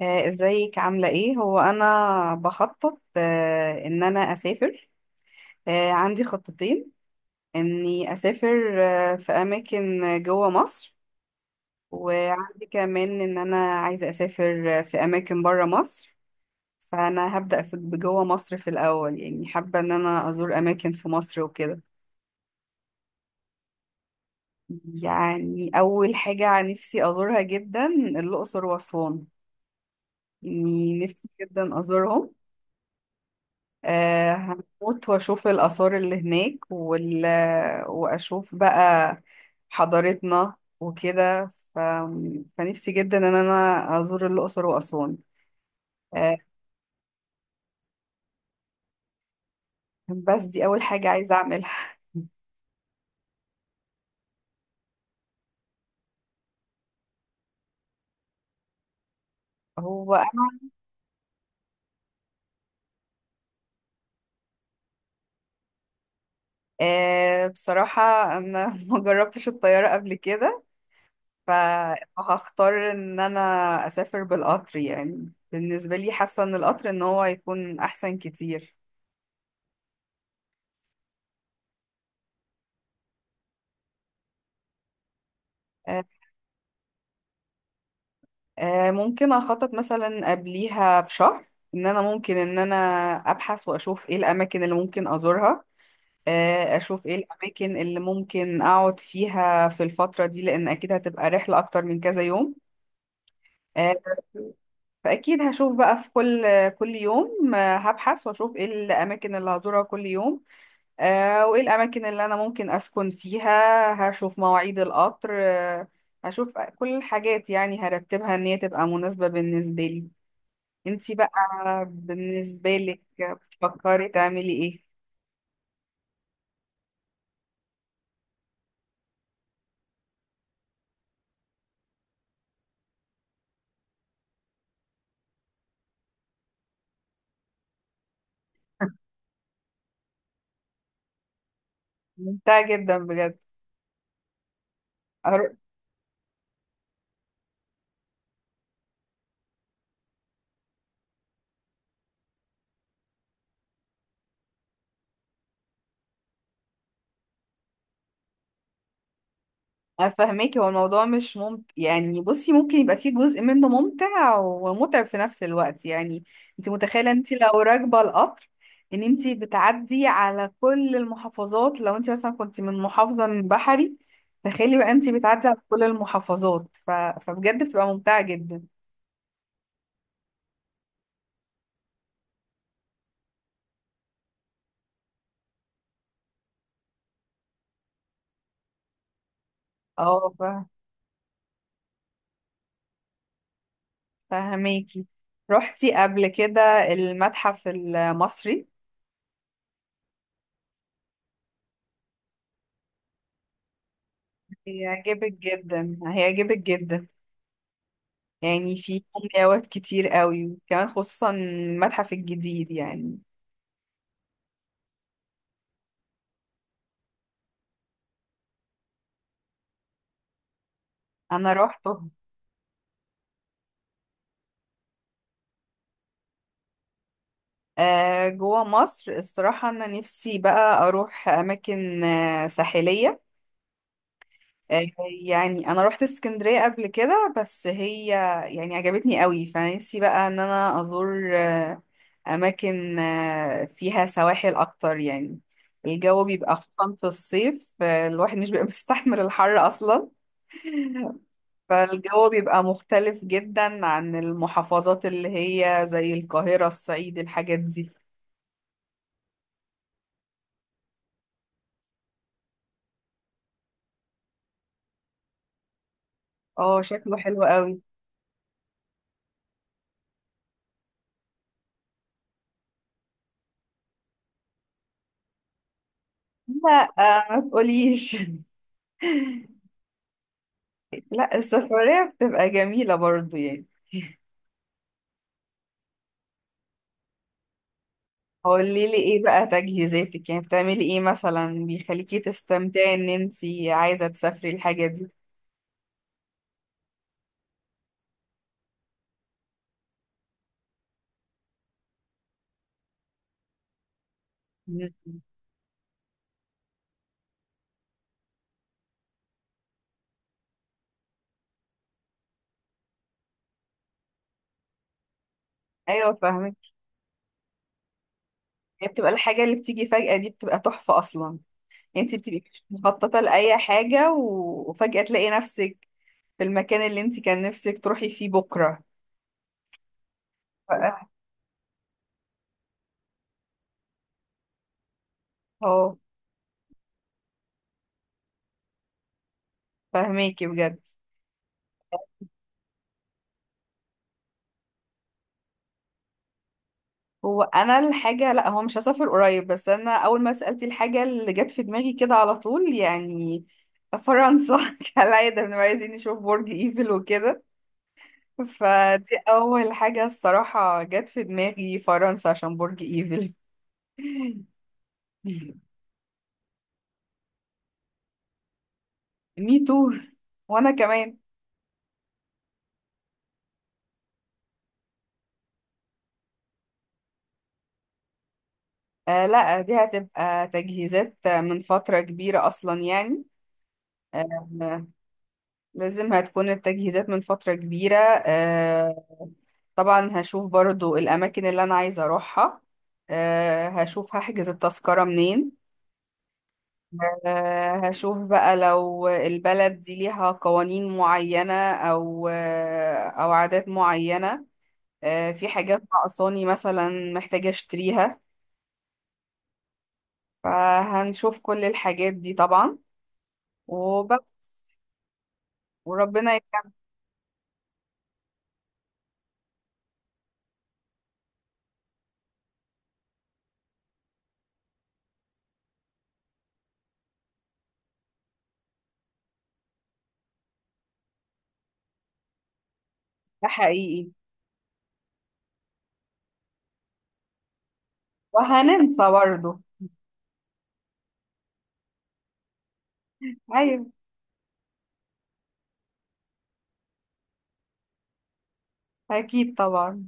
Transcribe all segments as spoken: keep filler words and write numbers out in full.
آه، ازيك، عاملة ايه؟ هو انا بخطط، آه، ان انا اسافر. آه، عندي خطتين، اني اسافر آه، في اماكن جوه مصر، وعندي كمان ان انا عايزة اسافر آه، في اماكن بره مصر. فانا هبدأ في جوه مصر في الاول، يعني حابة ان انا ازور اماكن في مصر وكده. يعني اول حاجة نفسي ازورها جدا الاقصر واسوان، يعني نفسي جدا ازورهم. آه، هموت واشوف الآثار اللي هناك وال... واشوف بقى حضارتنا وكده. ف... فنفسي جدا ان انا ازور الأقصر وأسوان. آه، بس دي اول حاجة عايزة اعملها هو، آه، بصراحة انا ما جربتش الطيارة قبل كده. ف- فهختار ان انا اسافر بالقطر، يعني بالنسبة لي حاسة ان القطر ان هو يكون احسن كتير. آه، آه، ممكن اخطط مثلا قبليها بشهر، ان انا ممكن ان انا ابحث واشوف ايه الاماكن اللي ممكن ازورها. آه، اشوف ايه الاماكن اللي ممكن اقعد فيها في الفترة دي، لان اكيد هتبقى رحلة اكتر من كذا يوم. آه، فاكيد هشوف بقى في كل كل يوم آه، هبحث واشوف ايه الاماكن اللي هزورها كل يوم. آه، وايه الاماكن اللي انا ممكن اسكن فيها، هشوف مواعيد القطر. آه، هشوف كل الحاجات، يعني هرتبها ان هي تبقى مناسبة بالنسبة لي. انتي بقى، بالنسبة لك بتفكري تعملي ايه؟ ممتع جدا بجد. أر- افهمك، هو الموضوع مش ممتع يعني، بصي ممكن يبقى فيه جزء منه ممتع ومتعب في نفس الوقت يعني. انتي متخيلة انتي لو راكبة القطر ان انتي بتعدي على كل المحافظات، لو انتي مثلا كنتي من محافظة من بحري، تخيلي بقى انتي بتعدي على كل المحافظات. ف... فبجد بتبقى ممتعة جدا. اه، فهماكي. رحتي قبل كده المتحف المصري؟ هيعجبك جدا، هيعجبك جدا. يعني فيه مومياوات كتير قوي، وكمان خصوصا المتحف الجديد يعني. انا روحته. آه، جوه مصر الصراحة أنا نفسي بقى أروح أماكن آه، ساحلية. آه، يعني أنا روحت اسكندرية قبل كده، بس هي يعني عجبتني قوي، فنفسي بقى إن أنا أزور آه، أماكن آه، فيها سواحل أكتر يعني. الجو بيبقى خصوصا في الصيف، آه، الواحد مش بيبقى مستحمل الحر أصلا. فالجو بيبقى مختلف جدا عن المحافظات اللي هي زي القاهرة، الصعيد، الحاجات دي. اه شكله حلو قوي. لا آه، ما تقوليش لا السفرية بتبقى جميلة برضو يعني. قولي لي ايه بقى تجهيزاتك، يعني بتعملي ايه مثلا بيخليكي تستمتعي ان انتي عايزة تسافري الحاجة دي؟ مم. ايوه فاهمة. هي بتبقى الحاجة اللي بتيجي فجأة دي بتبقى تحفة أصلا. يعني انت بتبقي مش مخططة لأي حاجة، و- وفجأة تلاقي نفسك في المكان اللي انت كان نفسك تروحي فيه بكرة. ف- اه فهميكي بجد. هو أنا الحاجة، لا هو مش هسافر قريب، بس أنا أول ما سألتي الحاجة اللي جت في دماغي كده على طول يعني فرنسا كالعادة بنبقى عايزين نشوف برج إيفل وكده، فدي أول حاجة الصراحة جت في دماغي، فرنسا عشان برج إيفل مي تو، وانا كمان. آه لا، دي هتبقى تجهيزات من فترة كبيرة اصلا يعني. آه، لازم هتكون التجهيزات من فترة كبيرة. آه، طبعا هشوف برضو الاماكن اللي انا عايزة اروحها. آه، هشوف هحجز التذكرة منين. آه، هشوف بقى لو البلد دي ليها قوانين معينة او آه او عادات معينة. آه، في حاجات ناقصاني مثلا محتاجة اشتريها. فهنشوف كل الحاجات دي طبعا، وبس، وربنا يكرمنا. حقيقي. وهننسى برضه. أيوة. أكيد طبعا.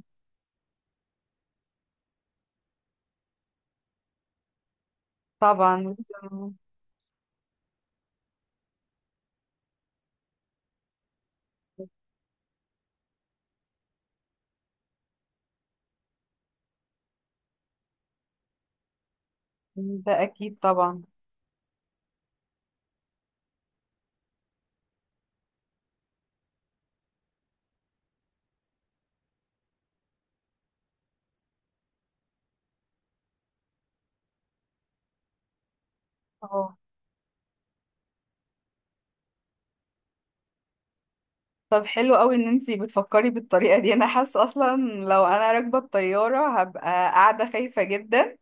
طبعا. لازم- ده أكيد طبعا. اه طب حلو قوي ان انتي بتفكري بالطريقة دي. انا حاسة اصلا لو انا راكبة الطيارة هبقى قاعدة خايفة جدا،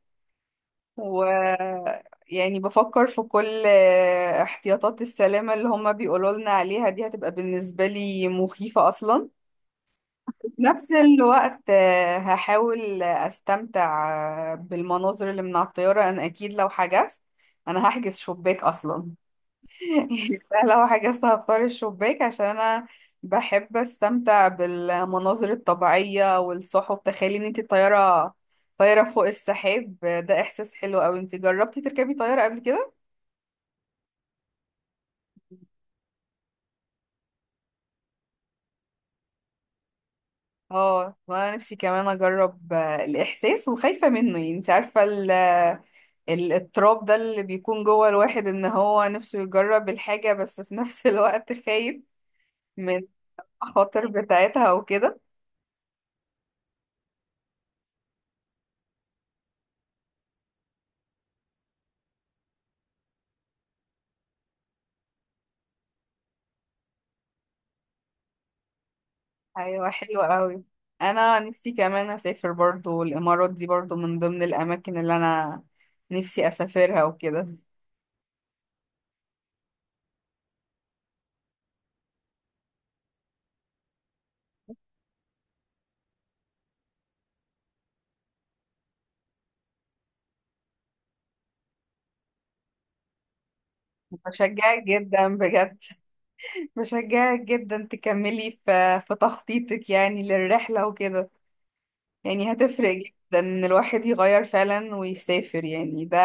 و يعني بفكر في كل احتياطات السلامة اللي هما بيقولوا لنا عليها، دي هتبقى بالنسبة لي مخيفة اصلا. في نفس الوقت آه، هحاول استمتع آه، بالمناظر اللي من على الطيارة. انا اكيد لو حجزت انا هحجز شباك اصلا يعني أنا لو حجزت هختار الشباك عشان انا بحب استمتع بالمناظر الطبيعية والسحب. تخيلي ان انت طيارة، طيارة فوق السحاب. آه، ده احساس حلو اوي. انت جربتي تركبي طيارة قبل كده؟ اه، وانا نفسي كمان اجرب آه، الاحساس، وخايفة منه يعني. انت عارفة، ال- التراب ده اللي بيكون جوه الواحد ان هو نفسه يجرب الحاجة، بس في نفس الوقت خايف من المخاطر بتاعتها وكده. ايوه حلوة قوي. انا نفسي كمان اسافر برضو الامارات، دي برضو من ضمن الاماكن اللي انا نفسي اسافرها وكده. بشجعك جدا بجد بشجعك جدا تكملي في في تخطيطك يعني للرحلة وكده. يعني هتفرق جدا ان الواحد يغير فعلا ويسافر، يعني ده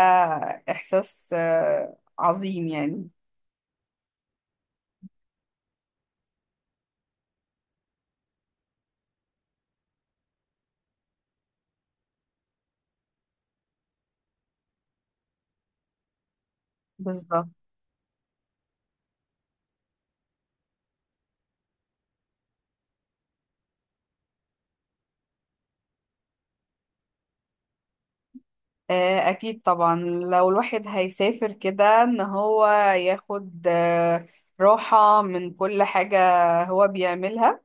احساس آه، عظيم يعني. بالظبط. آه، اكيد طبعا لو الواحد هيسافر كده ان هو ياخد آه، راحة من كل حاجة هو بيعملها.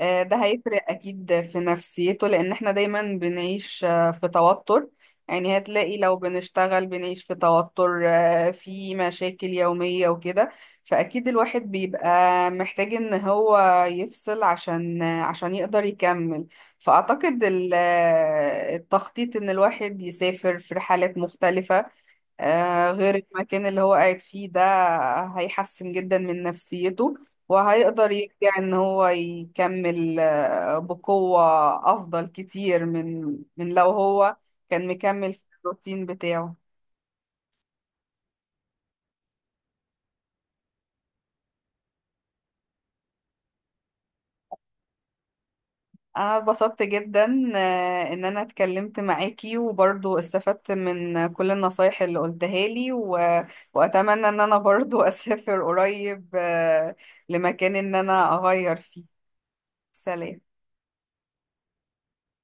آه، ده هيفرق أكيد في نفسيته، لأن احنا دايما بنعيش آه، في توتر. يعني هتلاقي لو بنشتغل بنعيش في توتر، آه، في مشاكل يومية وكده. فأكيد الواحد بيبقى محتاج إن هو يفصل عشان آه، عشان يقدر يكمل. فأعتقد ال- آه، التخطيط إن الواحد يسافر في رحلات مختلفة آه، غير المكان اللي هو قاعد فيه، ده هيحسن جدا من نفسيته، وهيقدر يرجع ان هو يكمل آه، بقوة افضل كتير من من لو هو كان مكمل في الروتين بتاعه. انا اتبسطت جدا آه، ان انا اتكلمت معاكي وبرضو استفدت من كل النصايح اللي قلتها لي، و... واتمنى ان انا برضو اسافر قريب آه، لمكان ان انا اغير فيه. سلام.